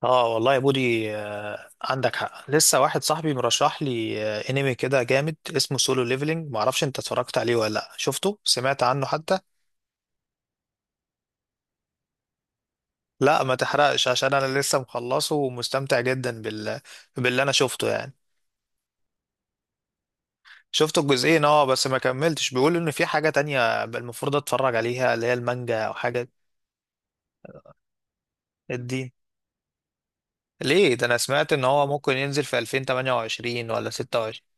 اه والله يا بودي، عندك حق. لسه واحد صاحبي مرشح لي انمي كده جامد اسمه سولو ليفلينج. معرفش انت اتفرجت عليه ولا لا، شفته، سمعت عنه حتى. لا ما تحرقش عشان انا لسه مخلصه ومستمتع جدا باللي انا شفته يعني. شفت الجزئين اه، بس ما كملتش. بيقول ان في حاجة تانية المفروض اتفرج عليها اللي هي المانجا او حاجة الدين. ليه ده؟ انا سمعت ان هو ممكن ينزل في 2028 ولا 26.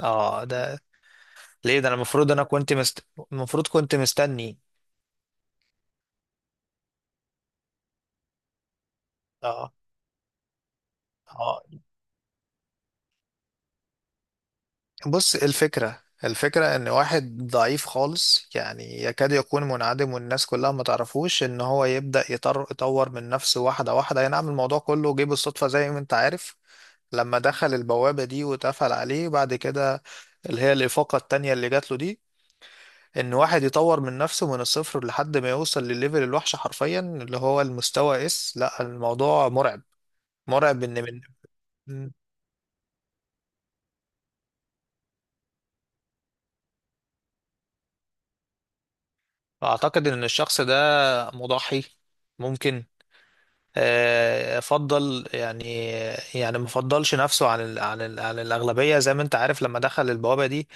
اه ده، ليه ده؟ انا المفروض انا كنت مست... المفروض كنت مستني. اه، اه، بص، الفكرة ان واحد ضعيف خالص يعني يكاد يكون منعدم، والناس كلها ما تعرفوش ان هو يبدأ يطور من نفسه واحدة واحدة. ينعم الموضوع كله جه بالصدفة زي ما انت عارف، لما دخل البوابة دي واتقفل عليه بعد كده، اللي هي الإفاقة التانية اللي جات له دي. ان واحد يطور من نفسه من الصفر لحد ما يوصل للليفل الوحش حرفيا، اللي هو المستوى اس. لا، الموضوع مرعب، مرعب ان من. اعتقد ان الشخص ده مضحي، ممكن فضل يعني. يعني ما فضلش نفسه عن الأغلبية زي ما انت عارف. لما دخل البوابة دي،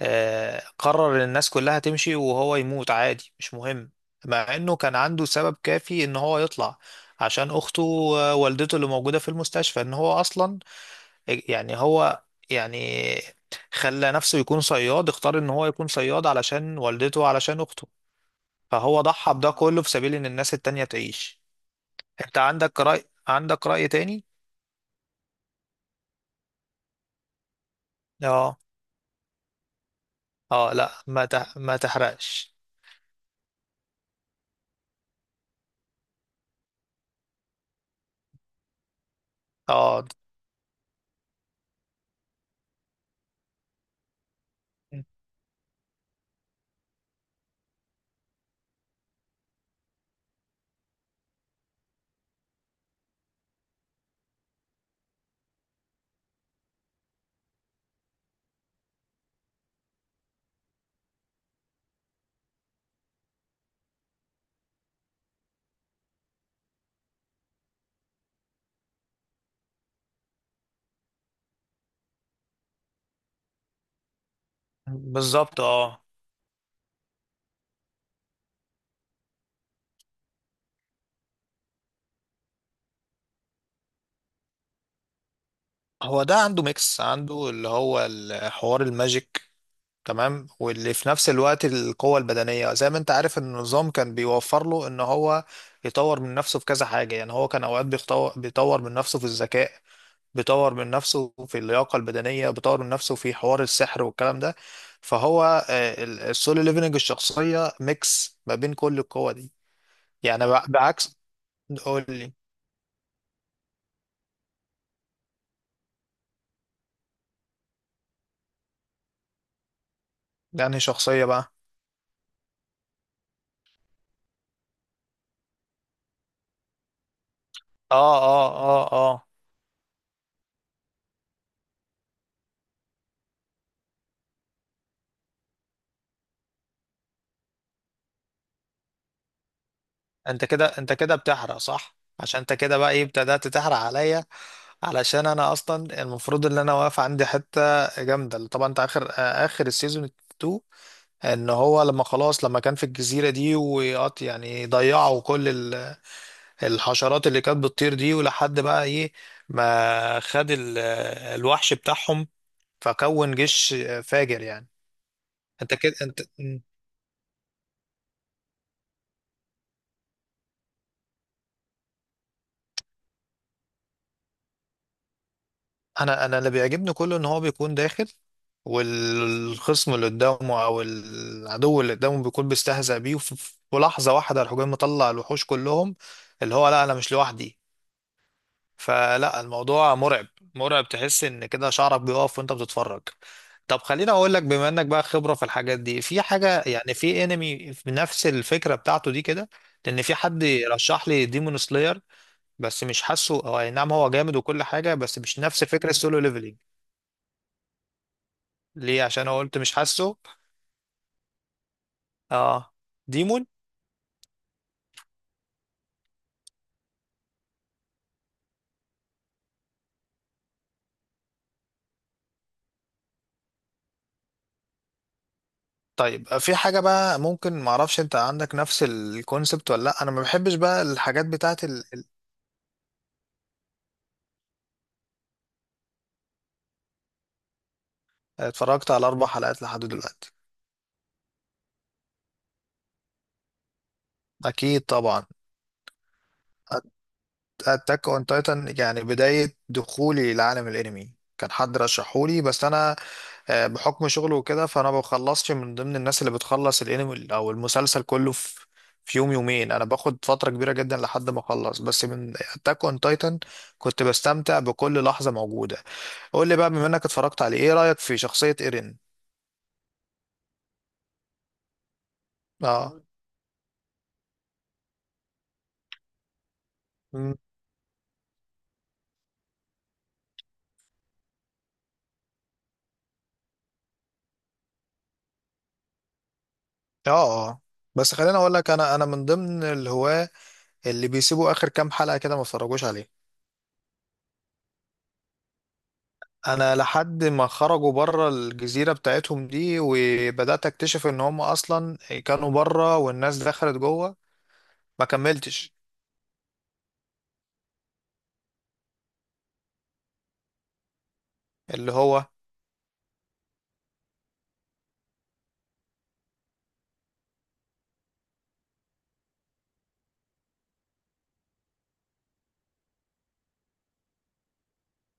قرر ان الناس كلها تمشي وهو يموت عادي، مش مهم. مع انه كان عنده سبب كافي ان هو يطلع عشان اخته ووالدته اللي موجودة في المستشفى، ان هو اصلا، يعني هو، يعني خلى نفسه يكون صياد، اختار ان هو يكون صياد علشان والدته علشان اخته. فهو ضحى بده كله في سبيل ان الناس التانية تعيش. انت عندك رأي، عندك رأي تاني؟ اه، اه لا ما تح... ما تحرقش. اه بالظبط اه. هو ده عنده ميكس، عنده اللي هو الحوار الماجيك تمام، واللي في نفس الوقت القوة البدنية، زي ما انت عارف ان النظام كان بيوفر له ان هو يطور من نفسه في كذا حاجة. يعني هو كان اوقات بيطور من نفسه في الذكاء، بيطور من نفسه في اللياقة البدنية، بيطور من نفسه في حوار السحر والكلام ده. فهو السولو ليفلنج الشخصية ميكس ما بين كل القوة دي. يعني بعكس. قول لي. يعني شخصية بقى. اه، اه، اه، اه. انت كده، انت كده بتحرق صح؟ عشان انت كده بقى ايه، ابتدأت تحرق عليا. علشان انا اصلا المفروض ان انا واقف عندي حتة جامدة طبعا. انت اخر اخر السيزون 2 ان هو لما خلاص، لما كان في الجزيرة دي وقط، يعني ضيعوا كل الحشرات اللي كانت بتطير دي، ولحد بقى ايه، ما خد الوحش بتاعهم، فكون جيش فاجر يعني. انت كده، انت. انا اللي بيعجبني كله ان هو بيكون داخل والخصم اللي قدامه او العدو اللي قدامه بيكون بيستهزأ بيه، وفي لحظة واحدة الحجام مطلع الوحوش كلهم. اللي هو، لا، انا مش لوحدي. فلا، الموضوع مرعب، مرعب، تحس ان كده شعرك بيقف وانت بتتفرج. طب خليني اقول لك، بما انك بقى خبرة في الحاجات دي، في حاجة يعني في انمي بنفس الفكرة بتاعته دي كده؟ لان في حد رشح لي ديمون سلاير، بس مش حاسه. هو اي نعم هو جامد وكل حاجة، بس مش نفس فكرة سولو ليفلينج. ليه؟ عشان أنا قلت مش حاسه؟ اه، ديمون. طيب في حاجة بقى ممكن، معرفش انت عندك نفس الكونسبت ولا لا؟ انا ما بحبش بقى الحاجات بتاعت اتفرجت على اربع حلقات لحد دلوقتي. اكيد طبعا. اتاك اون تايتن، يعني بدايه دخولي لعالم الانمي كان حد رشحولي، بس انا بحكم شغله وكده، فانا ما بخلصش من ضمن الناس اللي بتخلص الانمي او المسلسل كله في يوم يومين. انا باخد فتره كبيره جدا لحد ما اخلص، بس من اتاك اون تايتن كنت بستمتع بكل لحظه موجوده. قول لي بقى، بما انك اتفرجت عليه، ايه رايك في شخصيه ايرين؟ اه. م. اه، اه. بس خليني اقول لك، انا من ضمن الهواه اللي بيسيبوا اخر كام حلقه كده، ما اتفرجوش عليه. انا لحد ما خرجوا بره الجزيره بتاعتهم دي، وبدات اكتشف ان هم اصلا كانوا بره والناس دخلت جوه، ما كملتش. اللي هو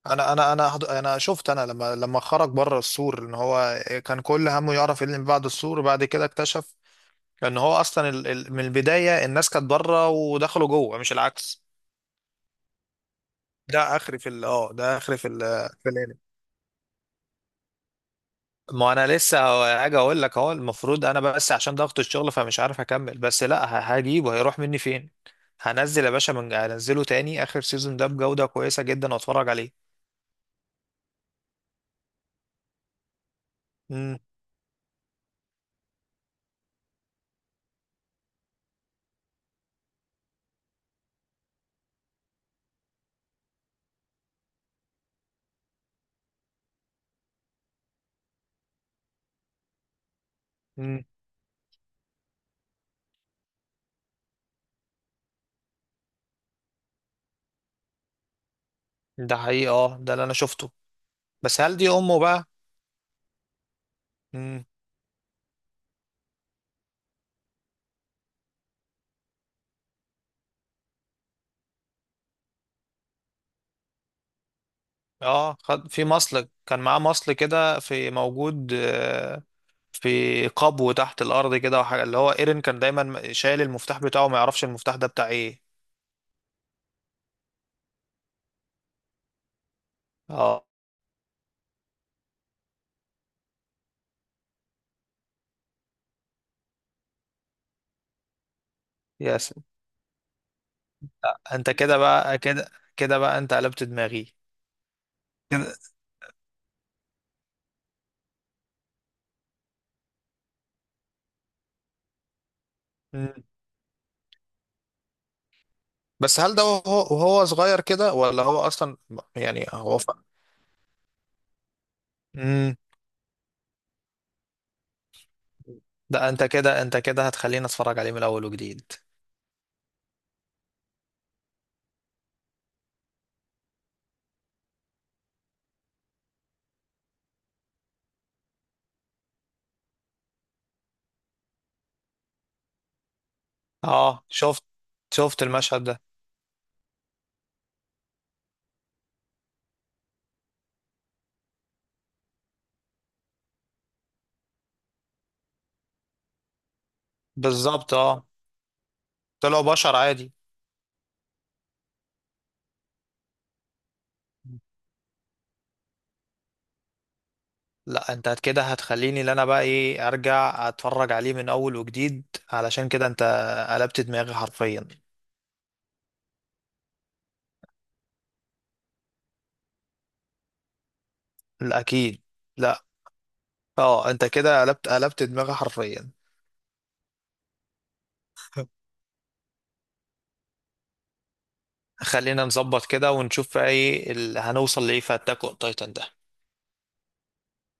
انا شفت. انا لما خرج بره السور، ان هو كان كل همه يعرف ايه اللي بعد السور. وبعد كده اكتشف ان هو اصلا من البدايه الناس كانت بره ودخلوا جوه، مش العكس. ده اخري في ال- في الانمي. ما انا لسه هاجي اقول لك اهو المفروض، انا بس عشان ضغط الشغل فمش عارف اكمل. بس لا هجيبه، هيروح مني فين؟ هنزل يا باشا، من هنزله تاني اخر سيزون ده بجودة كويسة جدا، واتفرج عليه. امم. امم. ده حقيقي اه، ده اللي انا شفته. بس هل دي امه بقى؟ امم. اه، خد في مصل، كان معاه مصل كده في موجود، في قبو تحت الارض كده، وحاجة اللي هو ايرين كان دايما شايل المفتاح بتاعه، ما يعرفش المفتاح ده بتاع ايه. اه. يا. لا، انت كده بقى، كده، كده بقى انت قلبت دماغي كده. مم. بس هل ده وهو, وهو صغير كده ولا هو اصلا؟ يعني هو ف... مم. ده انت كده، انت كده هتخليني اتفرج عليه من الاول وجديد. اه شفت. شفت المشهد ده. بالظبط اه. طلعوا بشر عادي. لا، انت كده هتخليني اللي انا بقى ايه ارجع اتفرج عليه من اول وجديد، علشان كده انت قلبت دماغي حرفيا. لا اكيد، لا. اه، انت كده قلبت دماغي حرفيا. خلينا نظبط كده ونشوف ايه اللي هنوصل لايه في اتاك اون تايتن ده.